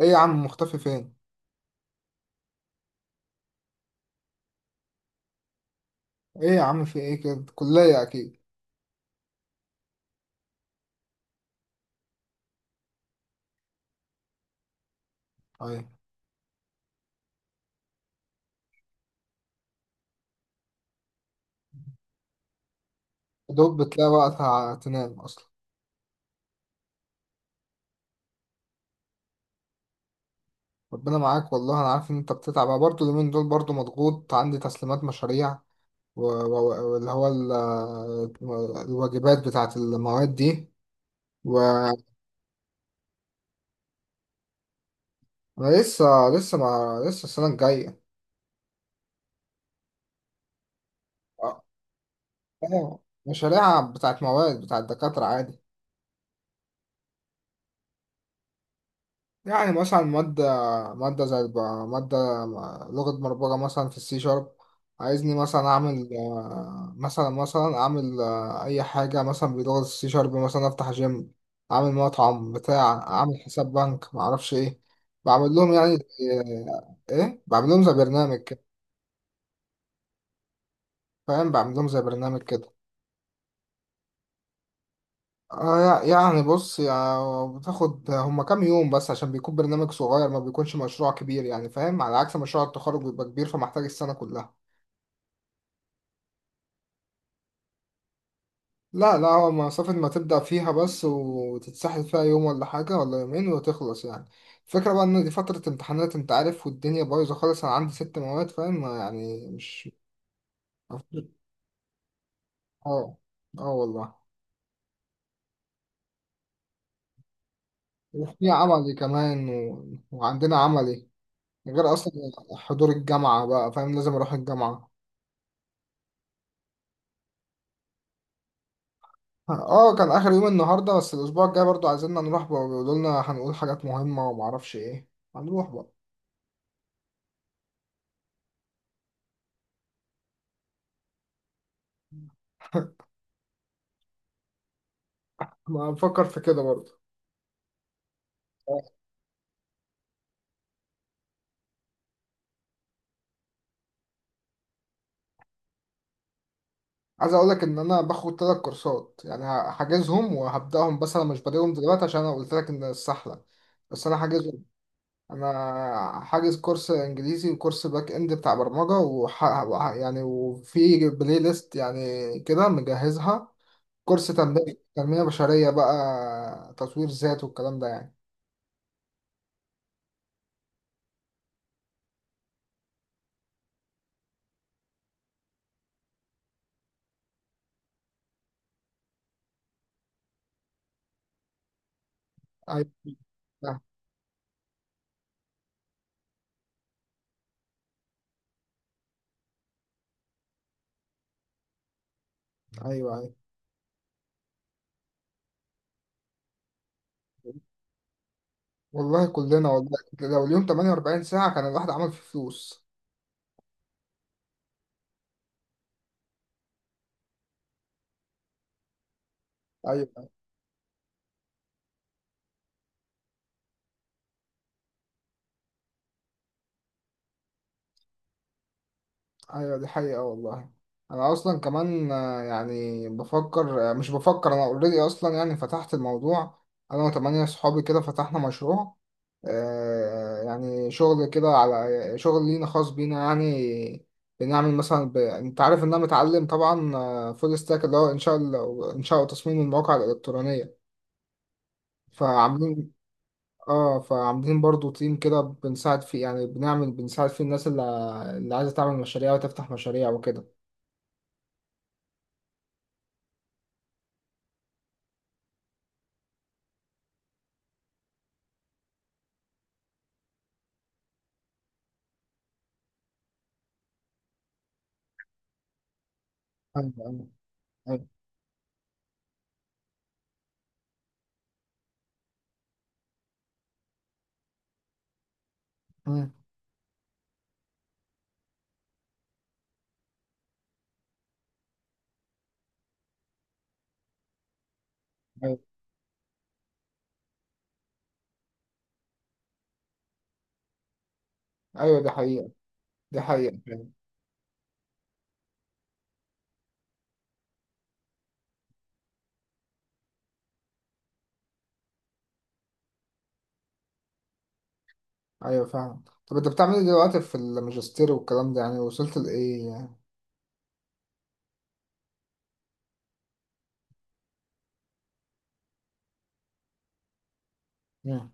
ايه يا عم، مختفي فين؟ ايه يا عم، في ايه كده؟ كلية اكيد؟ ايوه. دوب بتلاقي وقتها تنام اصلا؟ ربنا معاك، والله انا عارف ان انت بتتعب. أنا برضه اليومين دول برضه مضغوط، عندي تسليمات مشاريع و- و- واللي هو ال- الواجبات بتاعت المواد دي وانا. لسه لسه ما لسه السنة الجاية. اه، آه، مشاريع بتاعت مواد بتاعت دكاترة عادي. يعني مثلا مادة، مادة زي الب- مادة لغة برمجة مثلا في السي شارب. عايزني مثلا أعمل، مثلا، أعمل أي حاجة مثلا بلغة السي شارب، مثلا أفتح جيم، أعمل مطعم بتاع، أعمل حساب بنك، معرفش إيه. بعمل لهم يعني. إيه، بعمل لهم زي برنامج كده. فاهم؟ بعمل لهم زي برنامج كده. آه يعني بص، يعني بتاخد هما كام يوم بس، عشان بيكون برنامج صغير ما بيكونش مشروع كبير، يعني فاهم؟ على عكس مشروع التخرج بيبقى كبير، فمحتاج السنة كلها. لا لا، هو مسافة ما تبدأ فيها بس وتتسحل فيها يوم ولا حاجة ولا يومين وتخلص يعني. الفكرة بقى إن دي فترة امتحانات أنت عارف، والدنيا بايظة خالص. أنا عندي 6 مواد فاهم، يعني مش... اه. اه والله. وفي عملي كمان، وعندنا عملي، غير أصلا حضور الجامعة بقى فاهم، لازم أروح الجامعة. اه كان اخر يوم النهارده، بس الاسبوع الجاي برضو عايزيننا نروح بقى، بيقولوا لنا هنقول حاجات مهمه ومعرفش ايه. هنروح بقى. ما بفكر في كده برضو. عايز اقول لك ان انا باخد 3 كورسات يعني، هحجزهم وهبداهم، بس انا مش بادئهم دلوقتي عشان انا قلت لك ان السحله. بس انا حاجزهم. انا حاجز كورس انجليزي وكورس باك اند بتاع برمجه، يعني وفي بلاي ليست يعني كده مجهزها، كورس تنميه، تنميه بشريه بقى، تطوير ذات والكلام ده يعني. ايوه صح. ايوه ايوه، والله كلنا، والله لو اليوم 48 ساعة كان الواحد عمل فيه فلوس. ايوه ايوه، دي حقيقة والله. انا اصلا كمان يعني بفكر، مش بفكر، انا اوريدي اصلا، يعني فتحت الموضوع. انا وثمانية صحابي كده فتحنا مشروع، يعني شغل كده على شغل لينا خاص بينا يعني. بنعمل مثلا انت عارف ان انا متعلم طبعا فول ستاك، اللي هو انشاء، انشاء وتصميم المواقع الالكترونية. فعاملين. اه فعاملين برضو تيم كده، بنساعد فيه يعني، بنعمل، بنساعد فيه الناس اللي عايزة تعمل مشاريع وتفتح مشاريع وكده. ايوه ايوه ايوه. مم، ايوه ايوه دي حقيقة. دي حقيقة فعلا. ايوه فعلا. طب انت بتعمل ايه دلوقتي في الماجستير والكلام ده، يعني وصلت لايه يعني؟ مم،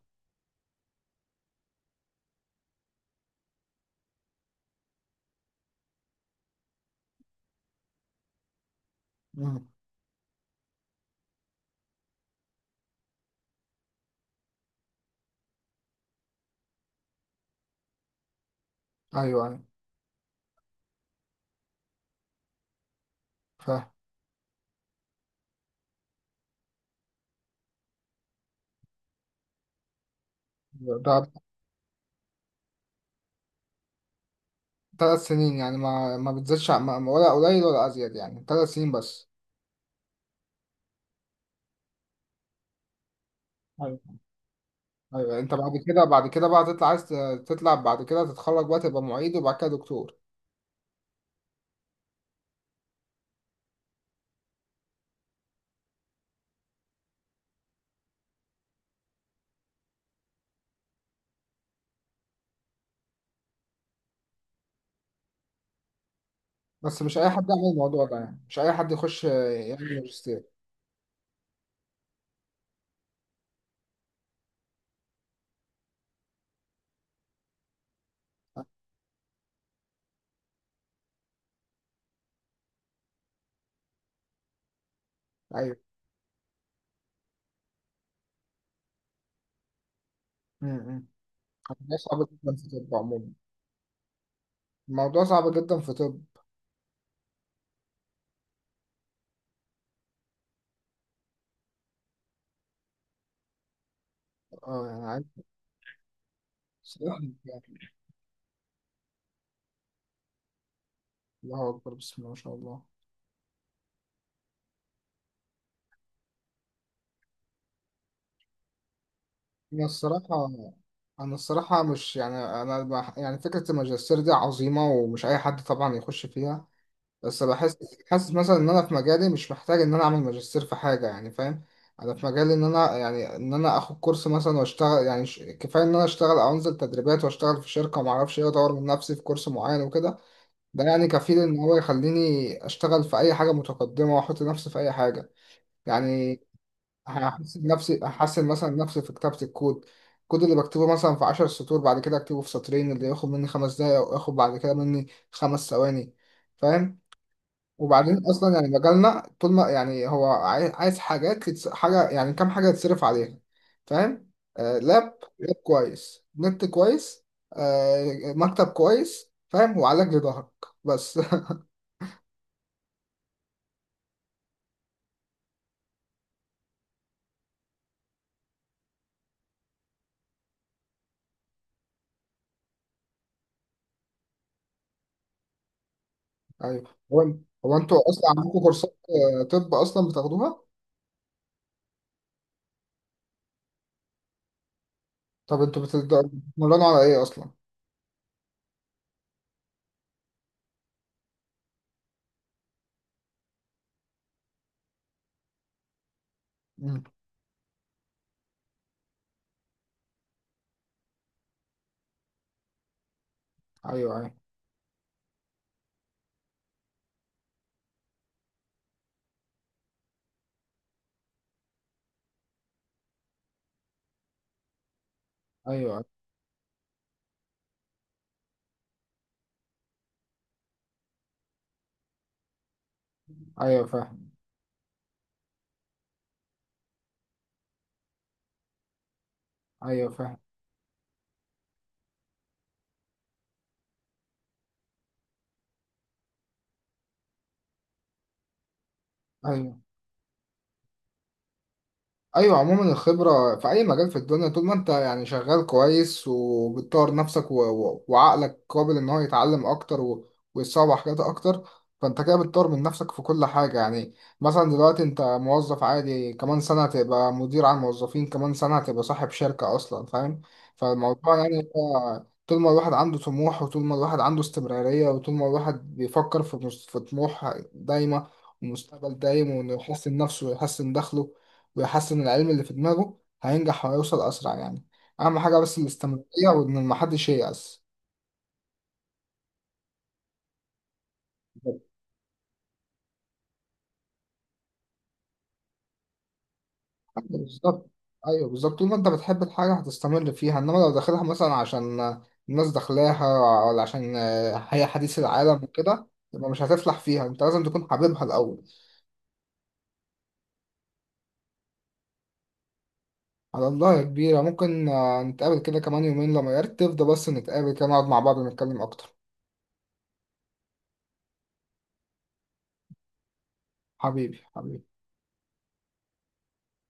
مم، ايوه ايوه فاهم. ده 3 سنين يعني، ما بتزيدش ولا قليل ولا ازيد، يعني 3 سنين بس. ايوه ايوه. انت بعد كده بعد كده بقى تطلع، عايز تطلع بعد كده تتخرج بقى تبقى معيد وبعد كده دكتور. بس مش اي حد يعمل الموضوع ده، يعني مش اي حد يخش يعمل ماجستير. ايوه. امم. الموضوع صعب جدا في طب عموما. الموضوع صعب جدا في طب. اه يعني عايز... صراحة يعني، الله اكبر، بسم الله ما شاء الله. انا الصراحه، انا الصراحه مش يعني انا يعني فكره الماجستير دي عظيمه، ومش اي حد طبعا يخش فيها. بس بحس، حاسس مثلا ان انا في مجالي مش محتاج ان انا اعمل ماجستير في حاجه يعني فاهم. انا في مجالي ان انا يعني ان انا اخد كورس مثلا واشتغل يعني كفايه ان انا اشتغل او انزل تدريبات واشتغل في شركه وما اعرفش ايه، اطور من نفسي في كورس معين وكده. ده يعني كفيل ان هو يخليني اشتغل في اي حاجه متقدمه، واحط نفسي في اي حاجه يعني. هحسن نفسي، احسن مثلا نفسي في كتابه الكود، الكود اللي بكتبه مثلا في 10 سطور بعد كده اكتبه في سطرين، اللي ياخد مني 5 دقايق وياخد بعد كده مني 5 ثواني، فاهم. وبعدين اصلا يعني مجالنا طول ما يعني هو عايز حاجات، حاجه يعني كام حاجه يتصرف عليها، فاهم. آه لاب كويس، نت كويس، آه مكتب كويس فاهم، وعلاج لظهرك بس. ايوه هو. هو انتوا اصلا عندكم كورسات؟ طب اصلا بتاخدوها؟ طب انتوا بتتمرنوا على ايه اصلا؟ مم. ايوه ايوه. ايوه ايوه فاهم. ايوه فاهم. ايوه ايوه عموما الخبره في اي مجال في الدنيا، طول ما انت يعني شغال كويس وبتطور نفسك وعقلك قابل ان هو يتعلم اكتر، ويتصور حاجات اكتر، فانت كده بتطور من نفسك في كل حاجه يعني. مثلا دلوقتي انت موظف عادي، كمان سنه هتبقى مدير على الموظفين، كمان سنه هتبقى صاحب شركه اصلا فاهم. فالموضوع يعني هو طول ما الواحد عنده طموح، وطول ما الواحد عنده استمراريه، وطول ما الواحد بيفكر في في طموح دايمه ومستقبل دايم، وانه يحسن نفسه ويحسن دخله ويحسن العلم اللي في دماغه، هينجح وهيوصل أسرع يعني. أهم حاجة بس الاستمرارية، وإن محدش ييأس. أيوة بالظبط. أيوه بالظبط، طول ما أنت بتحب الحاجة هتستمر فيها، إنما لو داخلها مثلا عشان الناس داخلاها، ولا عشان هي حديث العالم وكده، يبقى مش هتفلح فيها. أنت لازم تكون حاببها الأول. على الله يا كبيرة. ممكن نتقابل كده كمان يومين لما يرتب ده، بس نتقابل كده نقعد مع بعض ونتكلم أكتر. حبيبي حبيبي.